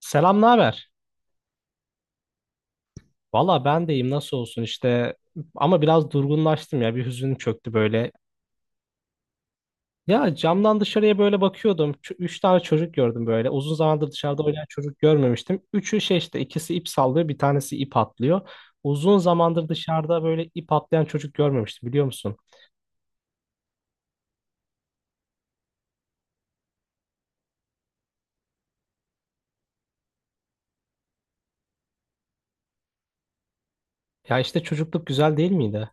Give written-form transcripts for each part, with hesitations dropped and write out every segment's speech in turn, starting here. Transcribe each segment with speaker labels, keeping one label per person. Speaker 1: Selam, ne haber? Valla ben deyim nasıl olsun işte ama biraz durgunlaştım ya bir hüzün çöktü böyle. Ya camdan dışarıya böyle bakıyordum. Üç tane çocuk gördüm böyle. Uzun zamandır dışarıda oynayan çocuk görmemiştim. Üçü şey işte ikisi ip sallıyor bir tanesi ip atlıyor. Uzun zamandır dışarıda böyle ip atlayan çocuk görmemiştim biliyor musun? Ya işte çocukluk güzel değil miydi?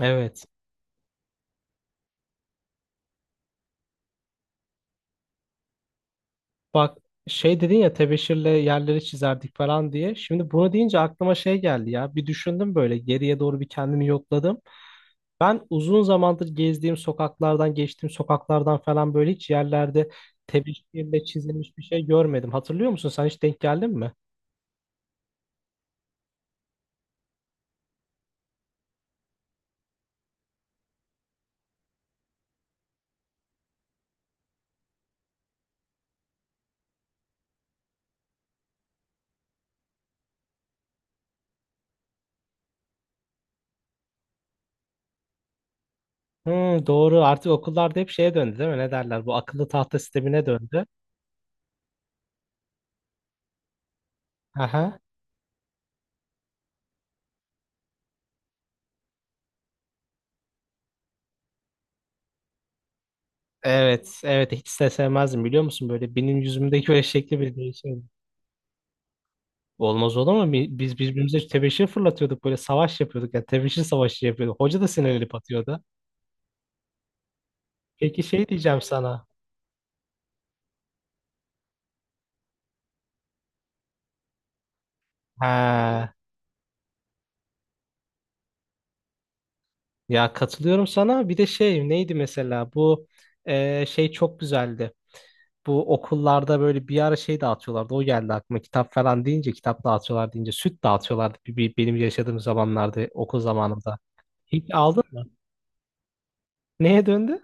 Speaker 1: Evet. Bak şey dedin ya tebeşirle yerleri çizerdik falan diye. Şimdi bunu deyince aklıma şey geldi ya. Bir düşündüm böyle geriye doğru bir kendimi yokladım. Ben uzun zamandır gezdiğim sokaklardan, geçtiğim sokaklardan falan böyle hiç yerlerde tebeşirle çizilmiş bir şey görmedim. Hatırlıyor musun? Sen hiç denk geldin mi? Hmm, doğru. Artık okullarda hep şeye döndü değil mi? Ne derler? Bu akıllı tahta sistemine döndü. Aha. Evet, evet. Hiç de sevmezdim biliyor musun? Böyle benim yüzümdeki böyle şekli bir değişim. Olmaz olur mu? Biz birbirimize tebeşir fırlatıyorduk. Böyle savaş yapıyorduk. Yani tebeşir savaşı yapıyorduk. Hoca da sinirlenip atıyordu. Peki şey diyeceğim sana. Ha. Ya katılıyorum sana. Bir de şey neydi mesela bu şey çok güzeldi. Bu okullarda böyle bir ara şey dağıtıyorlardı. O geldi aklıma. Kitap falan deyince, kitap dağıtıyorlar deyince süt dağıtıyorlardı. Benim yaşadığım zamanlarda, okul zamanımda. Hiç aldın mı? Neye döndü?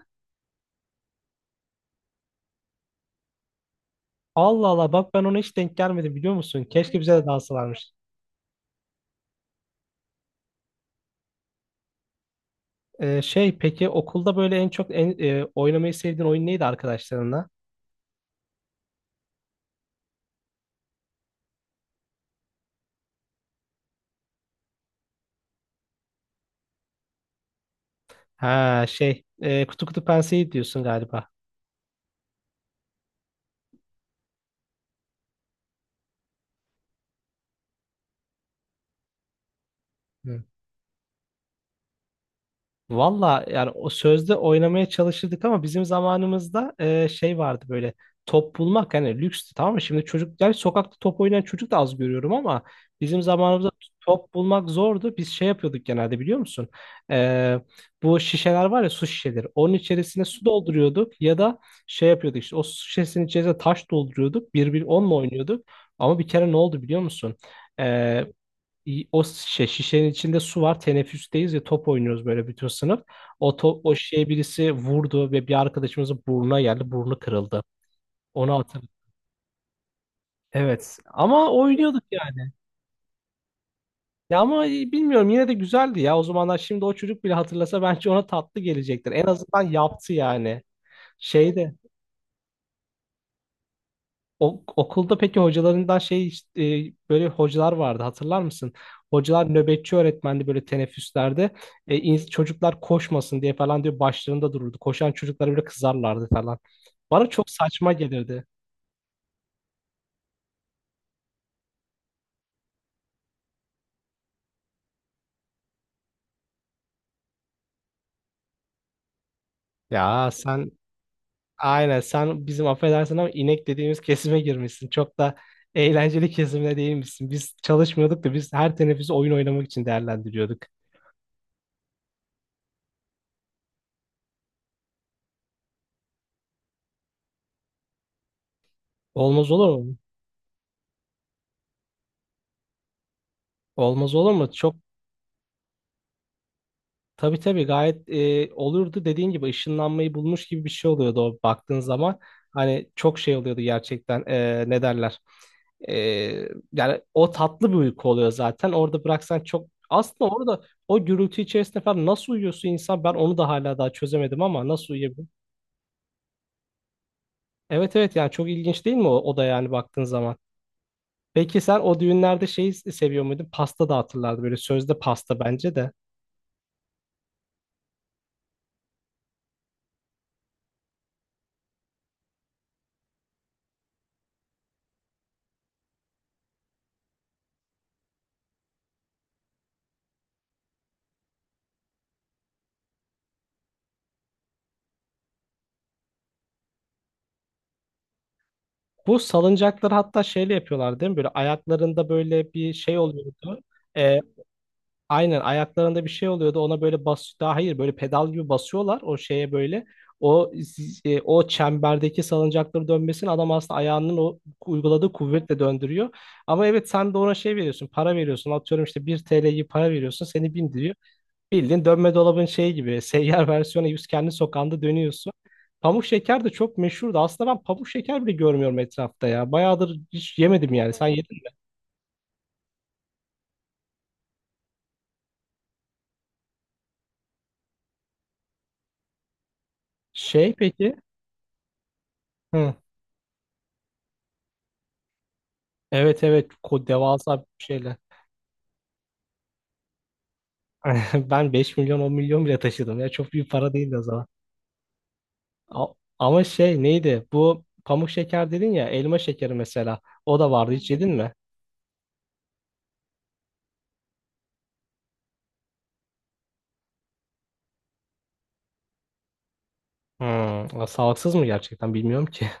Speaker 1: Allah Allah, bak ben ona hiç denk gelmedim biliyor musun? Keşke bize de dağıtsalarmış. Şey peki okulda böyle en çok oynamayı sevdiğin oyun neydi arkadaşlarınla? Ha şey kutu kutu penseyi diyorsun galiba. Valla yani o sözde oynamaya çalışırdık ama bizim zamanımızda şey vardı böyle top bulmak hani lükstü tamam mı? Şimdi çocuklar sokakta top oynayan çocuk da az görüyorum ama bizim zamanımızda top bulmak zordu. Biz şey yapıyorduk genelde biliyor musun? E, bu şişeler var ya su şişeleri. Onun içerisine su dolduruyorduk ya da şey yapıyorduk işte o su şişesinin içerisine taş dolduruyorduk. Bir bir onunla oynuyorduk. Ama bir kere ne oldu biliyor musun? E, o şişe, şişenin içinde su var. Teneffüsteyiz ya top oynuyoruz böyle bütün sınıf. O top, o şişeye birisi vurdu ve bir arkadaşımızın burnuna geldi. Burnu kırıldı. Onu hatırlıyorum. Evet ama oynuyorduk yani. Ya ama bilmiyorum yine de güzeldi ya. O zamanlar şimdi o çocuk bile hatırlasa bence ona tatlı gelecektir. En azından yaptı yani. Şeyde. O, okulda peki hocalarından şey işte, böyle hocalar vardı hatırlar mısın? Hocalar nöbetçi öğretmendi böyle teneffüslerde. Çocuklar koşmasın diye falan diyor başlarında dururdu. Koşan çocuklara bile kızarlardı falan. Bana çok saçma gelirdi. Ya sen aynen sen bizim affedersin ama inek dediğimiz kesime girmişsin. Çok da eğlenceli kesimde değilmişsin. Biz çalışmıyorduk da biz her teneffüsü oyun oynamak için değerlendiriyorduk. Olmaz olur mu? Olmaz olur mu? Çok. Tabii tabii gayet olurdu dediğin gibi ışınlanmayı bulmuş gibi bir şey oluyordu o baktığın zaman. Hani çok şey oluyordu gerçekten ne derler. E, yani o tatlı bir uyku oluyor zaten orada bıraksan çok aslında orada o gürültü içerisinde falan nasıl uyuyorsun insan ben onu da hala daha çözemedim ama nasıl uyuyabilir? Evet evet yani çok ilginç değil mi o, o da yani baktığın zaman. Peki sen o düğünlerde şeyi seviyor muydun? Pasta dağıtırlardı böyle sözde pasta bence de. Bu salıncakları hatta şeyle yapıyorlar değil mi? Böyle ayaklarında böyle bir şey oluyordu. Ee, aynen ayaklarında bir şey oluyordu. Ona böyle bas daha hayır böyle pedal gibi basıyorlar o şeye böyle. O o çemberdeki salıncakları dönmesini adam aslında ayağının o uyguladığı kuvvetle döndürüyor. Ama evet sen de ona şey veriyorsun, para veriyorsun. Atıyorum işte 1 TL'yi para veriyorsun, seni bindiriyor. Bildiğin dönme dolabın şeyi gibi seyyar versiyonu yüz kendi sokağında dönüyorsun. Pamuk şeker de çok meşhurdu. Aslında ben pamuk şeker bile görmüyorum etrafta ya. Bayağıdır hiç yemedim yani. Sen yedin mi? Şey peki? Hı. Evet, evet. Devasa bir şeyler. Ben 5 milyon 10 milyon bile taşıdım ya. Çok büyük para değildi o zaman. A- ama şey neydi? Bu pamuk şeker dedin ya elma şekeri mesela. O da vardı. Hiç yedin mi? Hmm. Sağlıksız mı gerçekten bilmiyorum ki.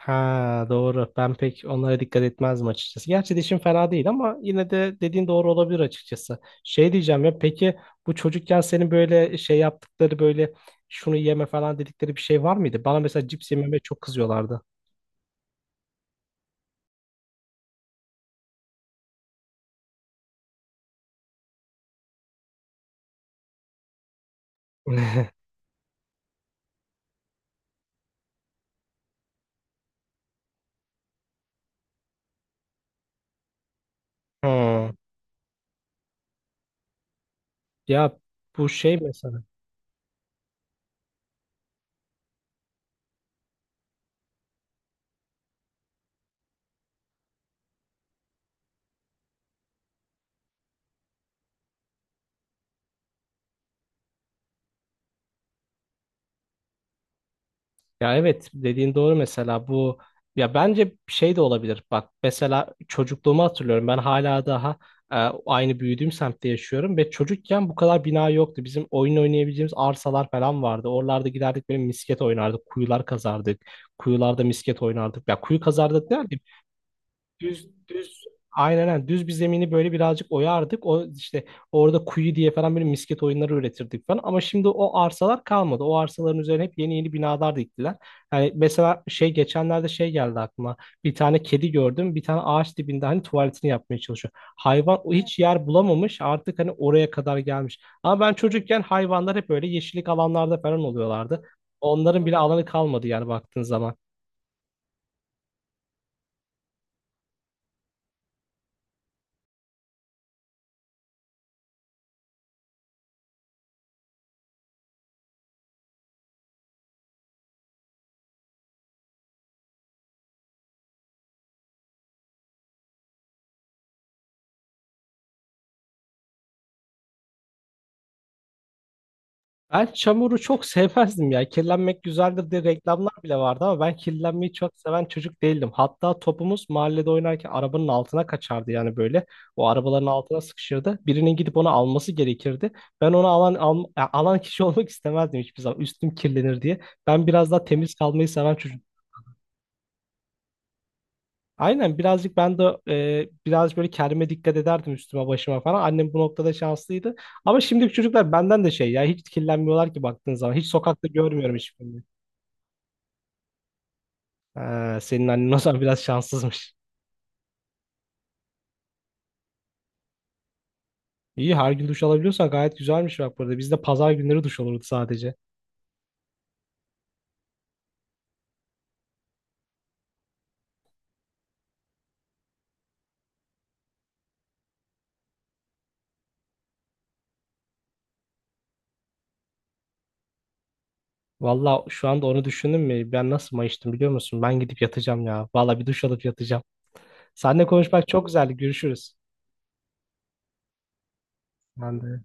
Speaker 1: Ha, doğru. Ben pek onlara dikkat etmezdim açıkçası. Gerçi dişim fena değil ama yine de dediğin doğru olabilir açıkçası. Şey diyeceğim ya peki bu çocukken senin böyle şey yaptıkları böyle şunu yeme falan dedikleri bir şey var mıydı? Bana mesela cips yememe çok kızıyorlardı. Hmm. Ya bu şey mesela. Ya evet dediğin doğru mesela bu ya bence şey de olabilir. Bak mesela çocukluğumu hatırlıyorum. Ben hala daha e, aynı büyüdüğüm semtte yaşıyorum ve çocukken bu kadar bina yoktu. Bizim oyun oynayabileceğimiz arsalar falan vardı. Oralarda giderdik böyle misket oynardık, kuyular kazardık. Kuyularda misket oynardık. Ya kuyu kazardık derken Düz düz aynen aynen. Düz bir zemini böyle birazcık oyardık. O işte orada kuyu diye falan böyle misket oyunları üretirdik falan. Ama şimdi o arsalar kalmadı. O arsaların üzerine hep yeni yeni binalar diktiler. Yani mesela şey geçenlerde şey geldi aklıma. Bir tane kedi gördüm. Bir tane ağaç dibinde hani tuvaletini yapmaya çalışıyor. Hayvan o hiç yer bulamamış. Artık hani oraya kadar gelmiş. Ama ben çocukken hayvanlar hep böyle yeşillik alanlarda falan oluyorlardı. Onların bile alanı kalmadı yani baktığın zaman. Ben çamuru çok sevmezdim ya. Kirlenmek güzeldir diye reklamlar bile vardı ama ben kirlenmeyi çok seven çocuk değildim. Hatta topumuz mahallede oynarken arabanın altına kaçardı yani böyle. O arabaların altına sıkışırdı. Birinin gidip onu alması gerekirdi. Ben onu alan kişi olmak istemezdim hiçbir zaman. Üstüm kirlenir diye. Ben biraz daha temiz kalmayı seven çocuk. Aynen birazcık ben de biraz böyle kendime dikkat ederdim üstüme başıma falan. Annem bu noktada şanslıydı. Ama şimdiki çocuklar benden de şey ya hiç kirlenmiyorlar ki baktığın zaman. Hiç sokakta görmüyorum hiçbirini. Ha, senin annen o zaman biraz şanssızmış. İyi her gün duş alabiliyorsan gayet güzelmiş bak burada. Bizde pazar günleri duş olurdu sadece. Valla şu anda onu düşündüm mü? Ben nasıl mayıştım biliyor musun? Ben gidip yatacağım ya. Valla bir duş alıp yatacağım. Seninle konuşmak çok güzeldi. Görüşürüz. Ben de.